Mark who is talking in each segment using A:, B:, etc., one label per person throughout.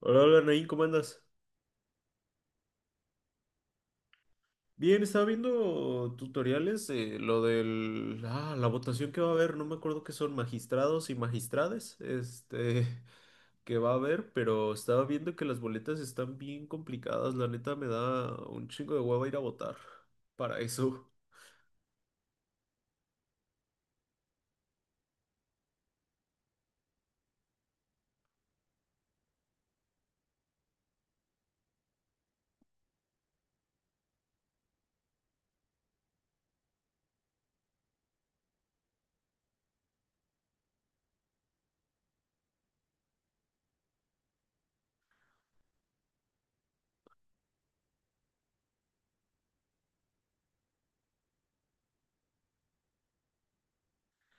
A: Hola, hola, Nain, ¿cómo andas? Bien, estaba viendo tutoriales, lo del, la votación que va a haber, no me acuerdo qué son magistrados y magistrades, que va a haber, pero estaba viendo que las boletas están bien complicadas, la neta me da un chingo de hueva ir a votar para eso.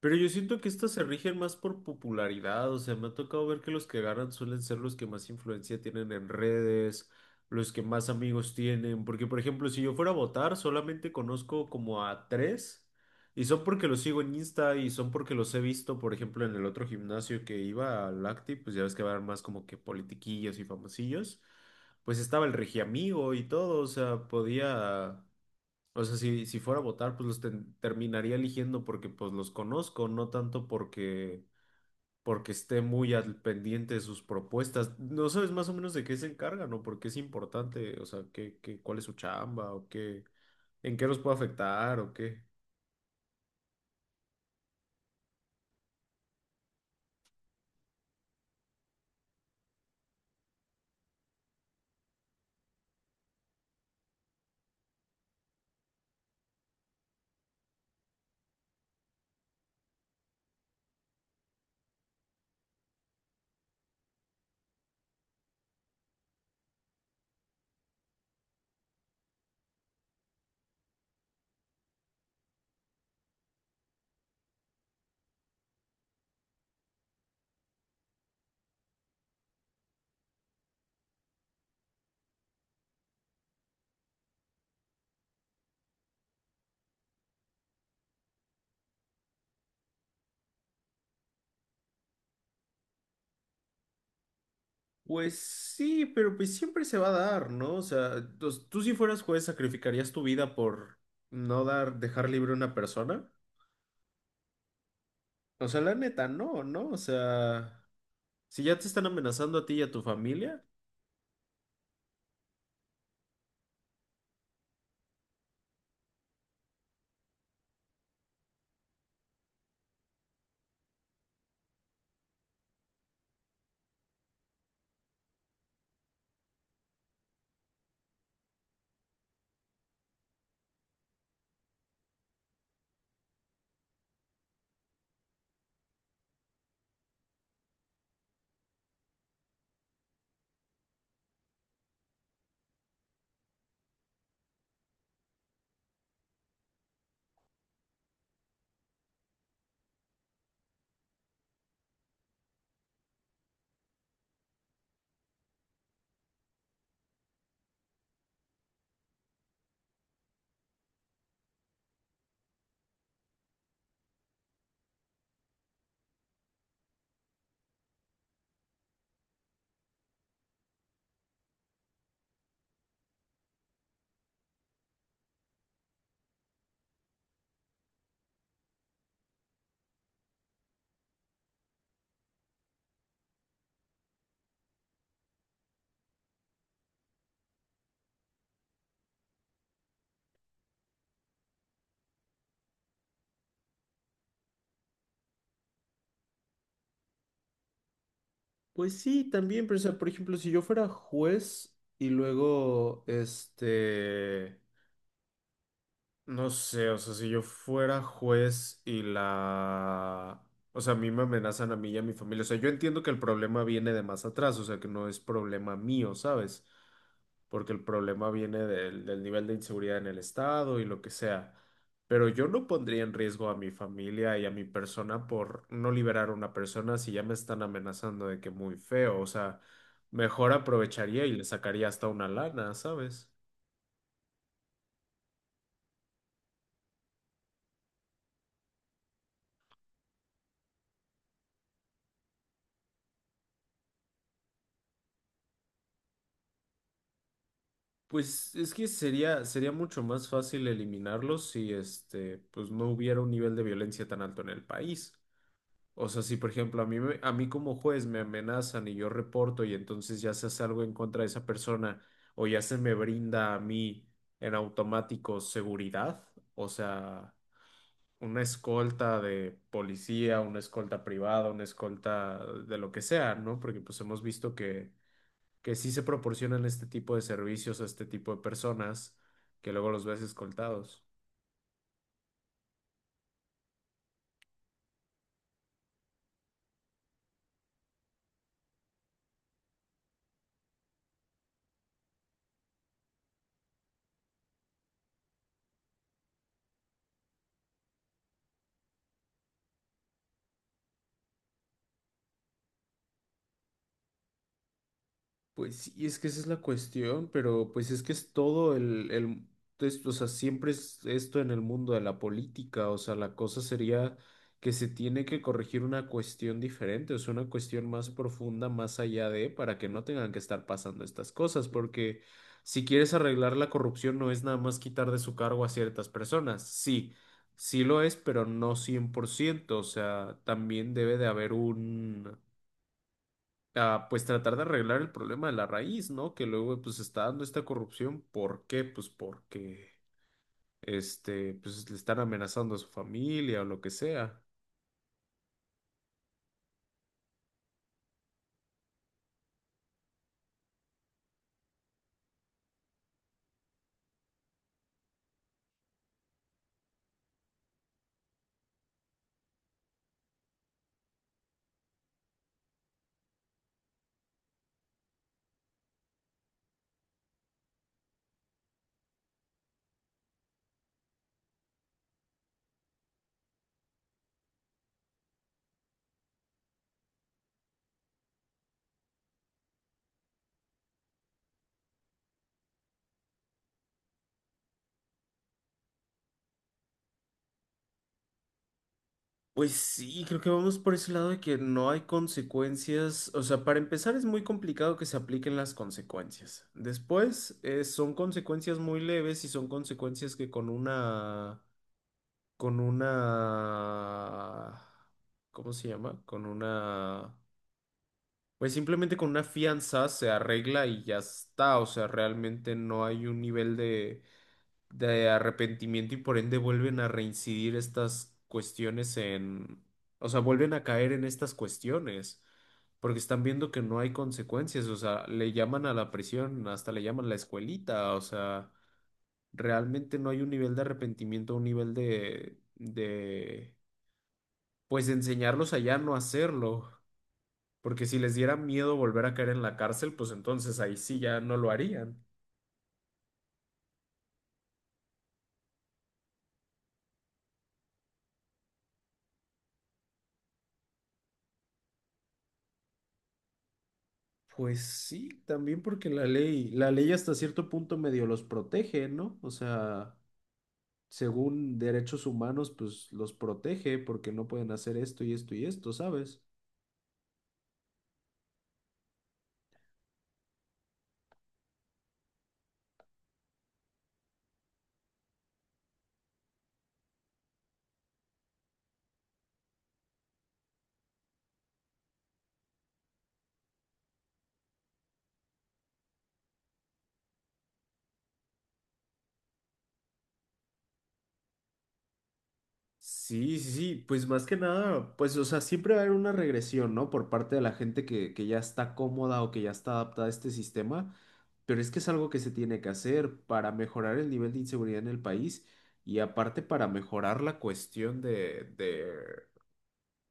A: Pero yo siento que estas se rigen más por popularidad, o sea, me ha tocado ver que los que agarran suelen ser los que más influencia tienen en redes, los que más amigos tienen, porque por ejemplo, si yo fuera a votar, solamente conozco como a tres, y son porque los sigo en Insta y son porque los he visto, por ejemplo, en el otro gimnasio que iba, al Acti, pues ya ves que van más como que politiquillos y famosillos, pues estaba el Regiamigo y todo, o sea, podía... O sea, si fuera a votar, pues los terminaría eligiendo porque pues los conozco, no tanto porque, porque esté muy al pendiente de sus propuestas. ¿No sabes más o menos de qué se encargan o por qué es importante? O sea, ¿ cuál es su chamba o qué, en qué los puede afectar o qué? Pues sí, pero pues siempre se va a dar, ¿no? O sea, tú si fueras juez, ¿sacrificarías tu vida por no dar, dejar libre a una persona? O sea, la neta, no, ¿no? O sea, si ya te están amenazando a ti y a tu familia. Pues sí, también, pero o sea, por ejemplo, si yo fuera juez y luego, este, no sé, o sea, si yo fuera juez y la, o sea, a mí me amenazan a mí y a mi familia, o sea, yo entiendo que el problema viene de más atrás, o sea, que no es problema mío, ¿sabes? Porque el problema viene del nivel de inseguridad en el estado y lo que sea. Pero yo no pondría en riesgo a mi familia y a mi persona por no liberar a una persona si ya me están amenazando de que muy feo. O sea, mejor aprovecharía y le sacaría hasta una lana, ¿sabes? Pues es que sería mucho más fácil eliminarlos si este, pues no hubiera un nivel de violencia tan alto en el país. O sea, si por ejemplo a mí, a mí como juez me amenazan y yo reporto y entonces ya se hace algo en contra de esa persona o ya se me brinda a mí en automático seguridad, o sea, una escolta de policía, una escolta privada, una escolta de lo que sea, ¿no? Porque pues hemos visto que sí se proporcionan este tipo de servicios a este tipo de personas que luego los ves escoltados. Pues sí, es que esa es la cuestión, pero pues es que es todo el o sea, siempre es esto en el mundo de la política, o sea, la cosa sería que se tiene que corregir una cuestión diferente, o sea, una cuestión más profunda, más allá de, para que no tengan que estar pasando estas cosas, porque si quieres arreglar la corrupción no es nada más quitar de su cargo a ciertas personas, sí, sí lo es, pero no cien por ciento. O sea, también debe de haber un a, pues tratar de arreglar el problema de la raíz, ¿no? Que luego pues está dando esta corrupción. ¿Por qué? Pues porque este, pues le están amenazando a su familia o lo que sea. Pues sí, creo que vamos por ese lado de que no hay consecuencias. O sea, para empezar es muy complicado que se apliquen las consecuencias. Después, son consecuencias muy leves y son consecuencias que con una, ¿cómo se llama? Con una... Pues simplemente con una fianza se arregla y ya está, o sea, realmente no hay un nivel de arrepentimiento y por ende vuelven a reincidir estas cuestiones en, o sea, vuelven a caer en estas cuestiones, porque están viendo que no hay consecuencias, o sea, le llaman a la prisión, hasta le llaman la escuelita, o sea, realmente no hay un nivel de arrepentimiento, un nivel de pues de enseñarlos a ya no hacerlo. Porque si les diera miedo volver a caer en la cárcel, pues entonces ahí sí ya no lo harían. Pues sí, también porque la ley hasta cierto punto medio los protege, ¿no? O sea, según derechos humanos, pues los protege porque no pueden hacer esto y esto y esto, ¿sabes? Sí, sí, sí, pues más que nada, pues o sea, siempre va a haber una regresión, ¿no? Por parte de la gente que ya está cómoda o que ya está adaptada a este sistema, pero es que es algo que se tiene que hacer para mejorar el nivel de inseguridad en el país y aparte para mejorar la cuestión de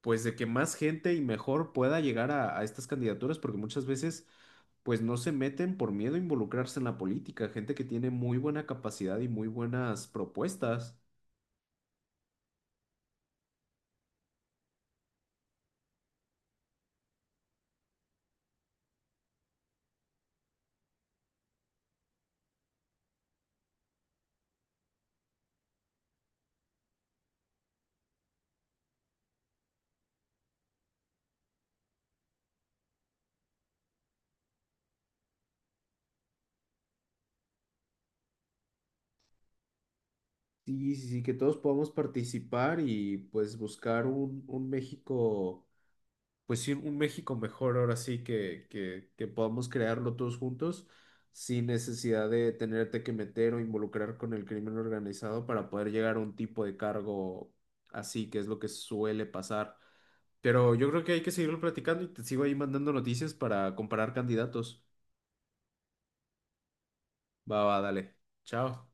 A: pues de que más gente y mejor pueda llegar a estas candidaturas, porque muchas veces pues no se meten por miedo a involucrarse en la política, gente que tiene muy buena capacidad y muy buenas propuestas. Sí, sí, sí, que todos podamos participar y pues buscar un México, pues sí, un México mejor ahora sí que, que podamos crearlo todos juntos sin necesidad de tenerte que meter o involucrar con el crimen organizado para poder llegar a un tipo de cargo así, que es lo que suele pasar. Pero yo creo que hay que seguirlo platicando y te sigo ahí mandando noticias para comparar candidatos. Va, va, dale. Chao.